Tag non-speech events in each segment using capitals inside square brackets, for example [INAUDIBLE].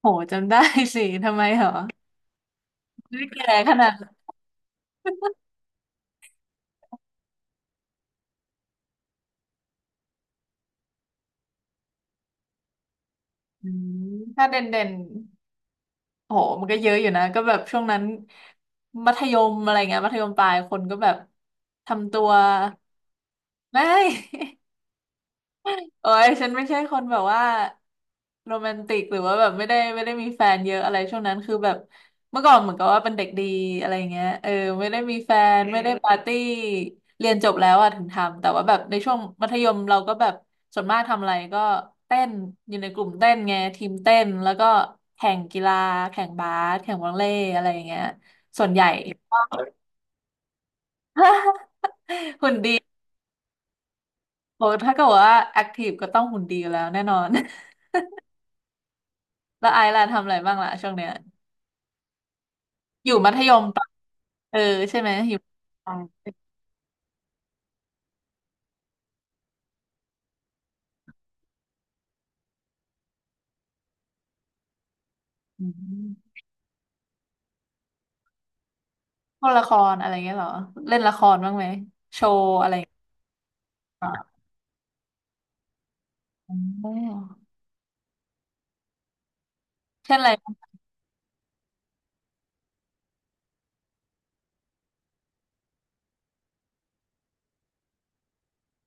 โหจำได้สิทำไมเหรอไม่แก่ขนาดนั้นอืมถ้าเด่นโหมันก็เยอะอยู่นะก็แบบช่วงนั้นมัธยมอะไรเงี้ยมัธยมปลายคนก็แบบทำตัวไม่ เอ้ยฉันไม่ใช่คนแบบว่าโรแมนติกหรือว่าแบบไม่ได้มีแฟนเยอะอะไรช่วงนั้นคือแบบเมื่อก่อนเหมือนกับว่าเป็นเด็กดีอะไรเงี้ยเออไม่ได้มีแฟนอืไม่ได้มปาร์ตี้เรียนจบแล้วอะถึงทำแต่ว่าแบบในช่วงมัธยมเราก็แบบส่วนมากทำอะไรก็เต้นอยู่ในกลุ่มเต้นไงทีมเต้นแล้วก็แข่งกีฬาแข่งบาสแข่งวอลเลย์อะไรอย่างเงี้ยส่วนใหญ่ [LAUGHS] โอ้ถ้าเกิดว่าแอคทีฟก็ต้องหุ่นดีอยู่แล้วแน่นอนแล้วไอซ์ล่ะทำอะไรบ้างล่ะช่วงเนี้ย อยู่มัธยมปะเออใช่ไหมอยู่ปลายอืมพวกละครอะไรเงี้ยเหรอเล่นละครบ้างไหมโชว์อะไรอย่างเงี้ยเหรออ๋อเช่นอะไร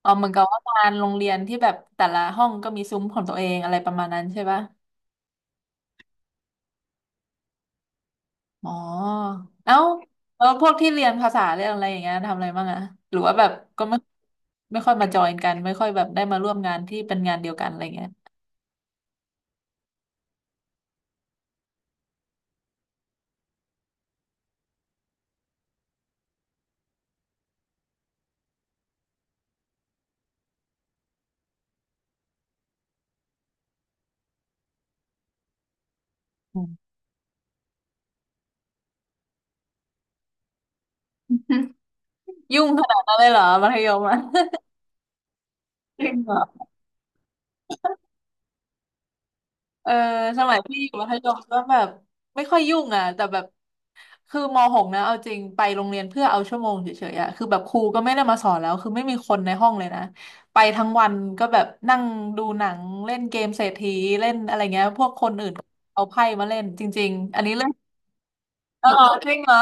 อ๋อเหมือนกับว่างานโรงเรียนที่แบบแต่ละห้องก็มีซุ้มของตัวเองอะไรประมาณนั้นใช่ปะอ๋อเอ้าแล้วพวกที่เรียนภาษาเรียนอะไรอย่างเงี้ยทำอะไรบ้างอะหรือว่าแบบก็ไม่ไม่ค่อยมาจอยกันไม่ค่อยแบบได้มาร่วมงานที่เป็นงานเดียวกันอะไรเงี้ยอืมยุ่งขนาดนั้นเลยเหรอมัธยมอะจริงเหรอ เออสมัยพี่อยู่มัธยมก็แบบไม่ค่อยยุ่งอ่ะแต่แบบคือมหกนะเอาจริงไปโรงเรียนเพื่อเอาชั่วโมงเฉยๆอ่ะคือแบบครูก็ไม่ได้มาสอนแล้วคือไม่มีคนในห้องเลยนะไปทั้งวันก็แบบนั่งดูหนังเล่นเกมเศรษฐีเล่นอะไรเงี้ยพวกคนอื่นเอาไพ่มาเล่นจริงๆอันนี้เล่นออจริงเหรอ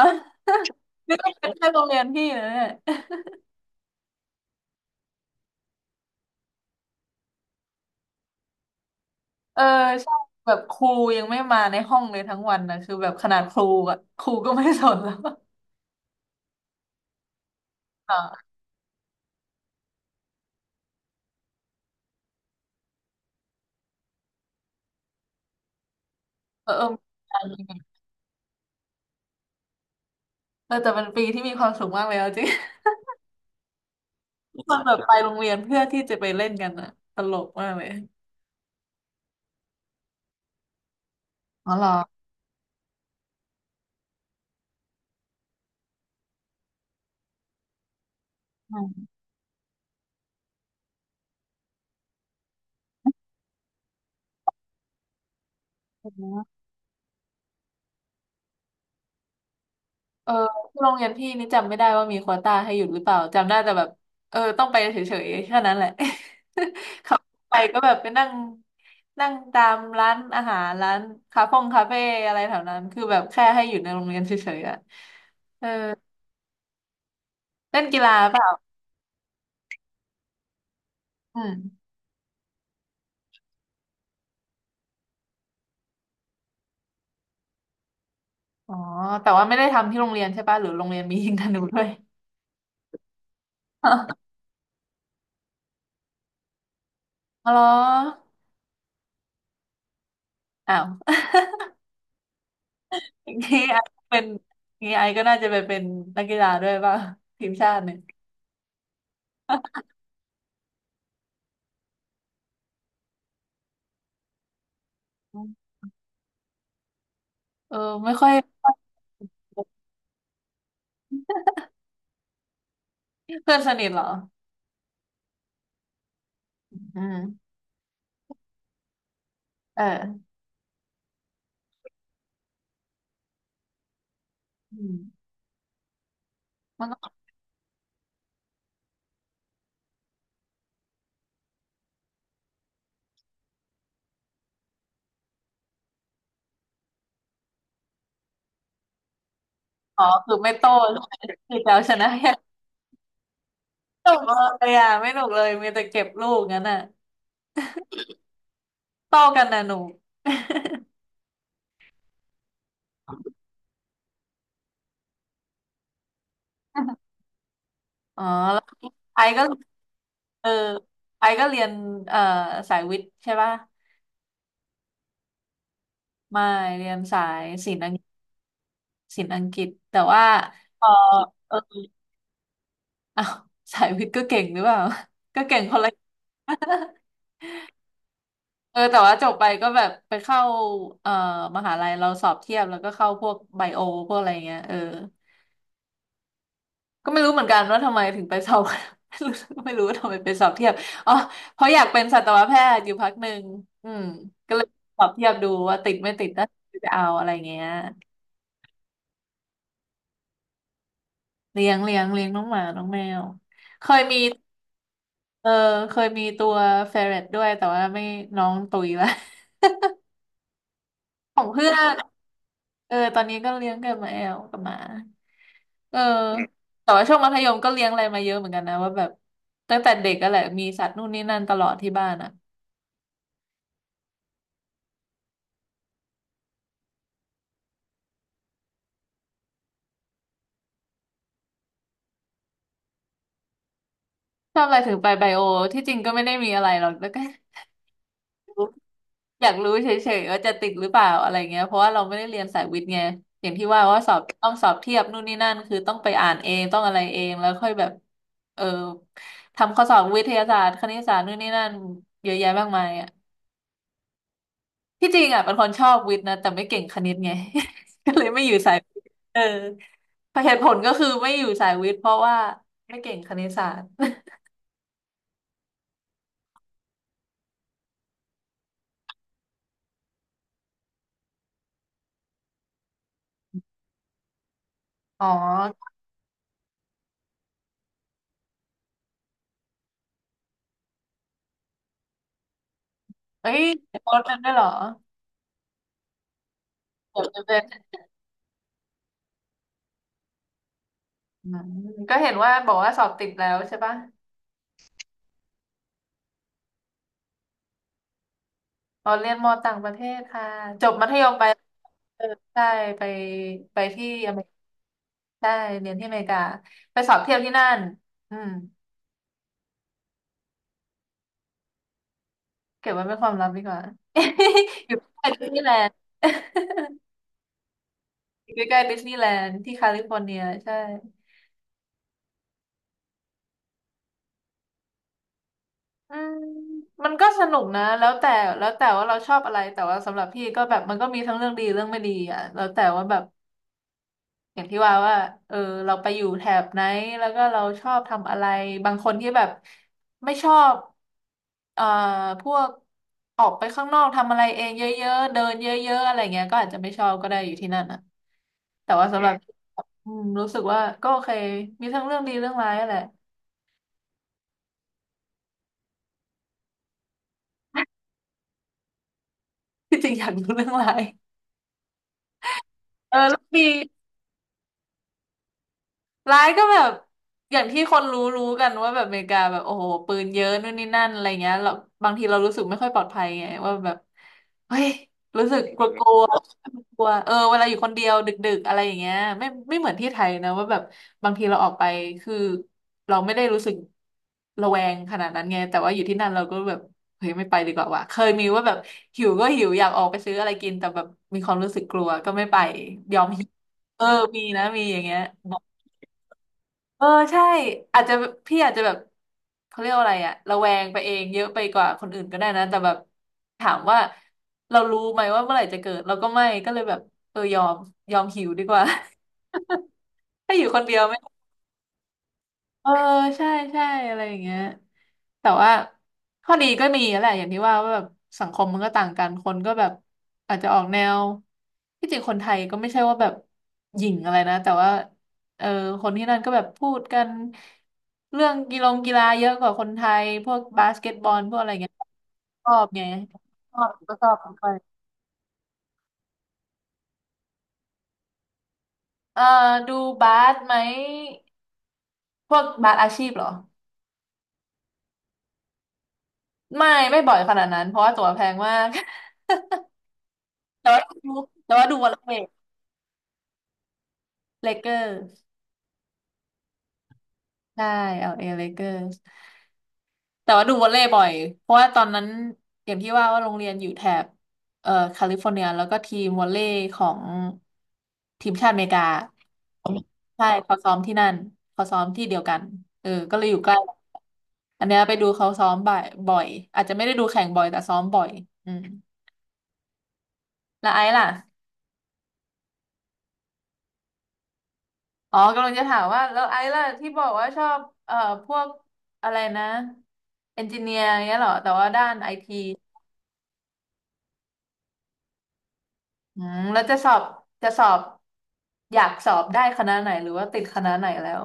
นี่ [LAUGHS] ก็เป็นแค่โรงเรียนพี่นะเนี่ยเออใช่แบบครูยังไม่มาในห้องเลยทั้งวันนะคือแบบขนาดครูอะครูก็ไม่สนแล้วอ่าเออเออ เออแต่เป็นปีที่มีความสุขมากเลยเอาจริง [LAUGHS] ตอนแบบไปโรงเรียนเพื่อที่จะไปเล่นกันอะตลกมากเลยอ๋อเหรออืมเออที่โรงเรียนพี่นี่จำไม่ได้ว่ามีโควต้าให้หยุดหรือเปล่าจำได้แต่แบบเออต้องไปเฉยๆแค่นั้นแหละ [LAUGHS] ขับไปก็แบบไปนั่งนั่งตามร้านอาหารร้านคาเฟ่อะไรแถวนั้นคือแบบแค่ให้อยู่ในโรงเรียนเฉยๆอะเออเล่นกีฬาเปล่าอืมอ๋อ แต่ว่าไม่ได้ทำที่โรงเรียนใช่ป่ะหรือโรงเรียนมี [LAUGHS] ยิงธนูด้วย [LAUGHS] อ๋ออ้าว [LAUGHS] อย่างนี้ไอเป็นอย่างนี้ไอก็น่าจะไปเป็นนักกีฬาด้วยป่ะทีมชาติเนี่ยเออไม่ค่อยเพื่อนสนิทเหรออืมเอออืมมันก็อ๋อคือไม่โต้ใช่ไหมคือจะเอาชนะอย่างเดียวไม่หนุกเลยอ่ะไม่หนุกเลยมีแต่เก็บลูกงั้นอ่ะโต้กันนะหนู [LAUGHS] อ๋อแล้วไอก็เออไอก็เรียนเอ่อสายวิทย์ใช่ป่ะไม่เรียนสายศิลป์ ศิลป์อังกฤษแต่ว่าพอเอออ้าวสายวิทย์ก็เก่งหรือเปล่า [LAUGHS] ก็เก่งคนละ [LAUGHS] เออแต่ว่าจบไปก็แบบไปเข้าเอ่อมหาลัยเราสอบเทียบแล้วก็เข้าพวกไบโอพวกอะไรเงี้ยเออก็ไม่รู้เหมือนกันว่าทำไมถึงไปสอบ [LAUGHS] ไม่รู้ว่าทำไมไปสอบเทียบอ๋อเพราะอยากเป็นสัตวแพทย์อยู่พักหนึ่งอืมก็เลยสอบเทียบดูว่าติดไม่ติดน่าจะเอาอะไรเงี้ยเลี้ยงน้องหมาน้องแมวเคยมี เออเคยมีตัวเฟรตด้วยแต่ว่าไม่น้องตุยละ [LAUGHS] ของเพื่อนเออตอนนี้ก็เลี้ยงกับมาแอลกับหมาเออแต่ว่าช่วงมัธยมก็เลี้ยงอะไรมาเยอะเหมือนกันนะว่าแบบตั้งแต่เด็กก็แหละมีสัตว์นู่นนี่นั่นตลอดที่บ้านอ่ะชอบอะไรถึงไปไบโอที่จริงก็ไม่ได้มีอะไรหรอกแล้วก็ [LAUGHS] อยากรู้เฉยๆว่าจะติดหรือเปล่าอะไรเงี้ยเพราะว่าเราไม่ได้เรียนสายวิทย์ไงอย่างที่ว่าว่าสอบต้องสอบเทียบนู่นนี่นั่นคือต้องไปอ่านเองต้องอะไรเองแล้วค่อยแบบเออทำข้อสอบวิทยาศาสตร์คณิตศาสตร์นู่นนี่นั่นเยอะแยะมากมายอ่ะที่จริงอ่ะเป็นคนชอบวิทย์นะแต่ไม่เก่งคณิตไง [LAUGHS] ก็เลยไม่อยู่สายวิทย์เออเหตุผลก็คือไม่อยู่สายวิทย์เพราะว่าไม่เก่งคณิตศาสตร์อ๋อเอ้ยโค้ดนันด้วยเหรอเดี๋ยวจะเป็นอืมก็เห็นว่าบอกว่าสอบติดแล้วใช่ปะ อ๋อเรียนมอต่างประเทศค่ะจบมัธยมไปเออใช่ไปไปที่อเมริกาใช่เรียนที่อเมริกาไปสอบเทียบที่นั่นอืมเก็บไว้เป็นความลับดีกว่า [LAUGHS] อยู่ใกล้ดิสนีย์แลนด์ [LAUGHS] อยู่ใกล้ๆดิสนีย์แลนด์ที่แคลิฟอร์เนียใช่อืมมันก็สนุกนะแล้วแต่ว่าเราชอบอะไรแต่ว่าสำหรับพี่ก็แบบมันก็มีทั้งเรื่องดีเรื่องไม่ดีอ่ะแล้วแต่ว่าแบบ อย่างที่ว่าว่า เออเราไปอยู่แถบไหนแล้วก็เราชอบทำอะไรบางคนที่แบบไม่ชอบเอ่อพวกออกไปข้างนอกทำอะไรเองเยอะๆเดินเยอะๆอะไรเงี้ยก็อาจจะไม่ชอบก็ได้อยู่ที่นั่นอ่ะแต่ว่าสำอหรับอืมรู้สึกว่าก็โอเค [LAUGHS] มีทั้งเรื่องดีเรื่องร้ายอะแหละ [LAUGHS] ที่จริงอยากรู้เรื่องร้ายเออเรื่องดี ร้ายก็แบบอย่างที่คนรู้กันว่าแบบอเมริกาแบบโอ้โหปืนเยอะนู่นนี่นั่นอะไรเงี้ยเราบางทีเรารู้สึกไม่ค่อยปลอดภัยไงว่าแบบเฮ้ยรู้สึกกลัวกลัวกลัวเออเวลาอยู่คนเดียวดึกๆอะไรอย่างเงี้ยไม่เหมือนที่ไทยนะว่าแบบบางทีเราออกไปคือเราไม่ได้รู้สึกระแวงขนาดนั้นไงแต่ว่าอยู่ที่นั่นเราก็แบบเฮ้ยไม่ไปดีกว่าว่ะเคยมีว่าแบบหิวก็หิวอยากออกไปซื้ออะไรกินแต่แบบมีความรู้สึกกลัวก็ไม่ไปยอมหิว [LAUGHS] เออมีนะมีอย่างเงี้ย เออใช่อาจจะพี่อาจจะแบบเขาเรียกว่าอะไรอะระแวงไปเองเยอะไปกว่าคนอื่นก็ได้นะแต่แบบถามว่าเรารู้ไหมว่าเมื่อไหร่จะเกิดเราก็ไม่ก็เลยแบบเออยอมยอมหิวดีกว่า [LAUGHS] ถ้าอยู่คนเดียวไม่ เออใช่ใช่อะไรอย่างเงี้ยแต่ว่าข้อดีก็มีแหละอย่างที่ว่าว่าแบบสังคมมันก็ต่างกันคนก็แบบอาจจะออกแนวที่จริงคนไทยก็ไม่ใช่ว่าแบบหยิ่งอะไรนะแต่ว่าเออคนที่นั่นก็แบบพูดกันเรื่องกีฬงกีฬาเยอะกว่าคนไทยพวกบาสเกตบอลพวกอะไรเงี้ยชอบไงชอบก็ชอบไปเออดูบาสไหมพวกบาสอาชีพเหรอไม่บ่อยขนาดนั้นเพราะว่าตั๋วแพงมาก แต่ว่าดูแต่ว่าดูวอลเลย์เลเกอร์ใช่เอลเอเลเกอร์แต่ว่าดูวอลเลย์บ่อยเพราะว่าตอนนั้นอย่างที่ว่าว่าโรงเรียนอยู่แถบแคลิฟอร์เนียแล้วก็ทีมวอลเลย์ของทีมชาติอเมริกาใช่เขาซ้อมที่นั่นเขาซ้อมที่เดียวกันเออก็เลยอยู่ใกล้อันเนี้ยไปดูเขาซ้อมบ่อยบ่อยอาจจะไม่ได้ดูแข่งบ่อยแต่ซ้อมบ่อยอืมแล้วไอซ์ล่ะ อ๋อกำลังจะถามว่าแล้วไอ้ล่ะที่บอกว่าชอบเอ่อพวกอะไรนะเอนจิเนียร์เงี้ยเหรอแต่ว่าด้านไอทีอืมแล้วจะสอบอยากสอบได้คณะไหนหรือว่าติดคณะไหนแล้ว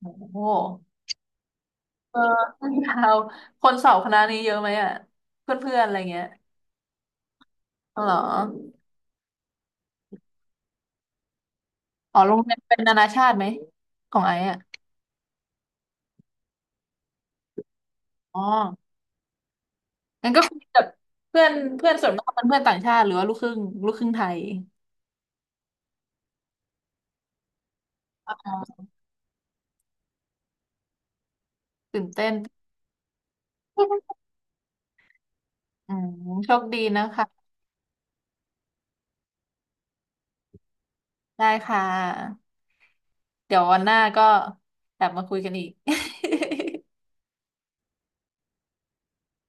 โอ้โหเออเาวคนสอบคณะนี้เยอะไหมอ่ะเพื่อนๆอะไรเงี้ยอ๋อเหรออ๋อโรงเรียนเป็นนานาชาติไหมของไอ้อ่ะอ๋องั้นก็คุยกับเพื่อนเพื่อนส่วนมากเป็นเพื่อนต่างชาติหรือว่าลูกครึ่งลูกครึ่งไทยอ๋อตื่นเต้น อืมโชคดีนะคะได้ค่ะเดี๋ยววันหน้าก็กลับมาคุยกันอีก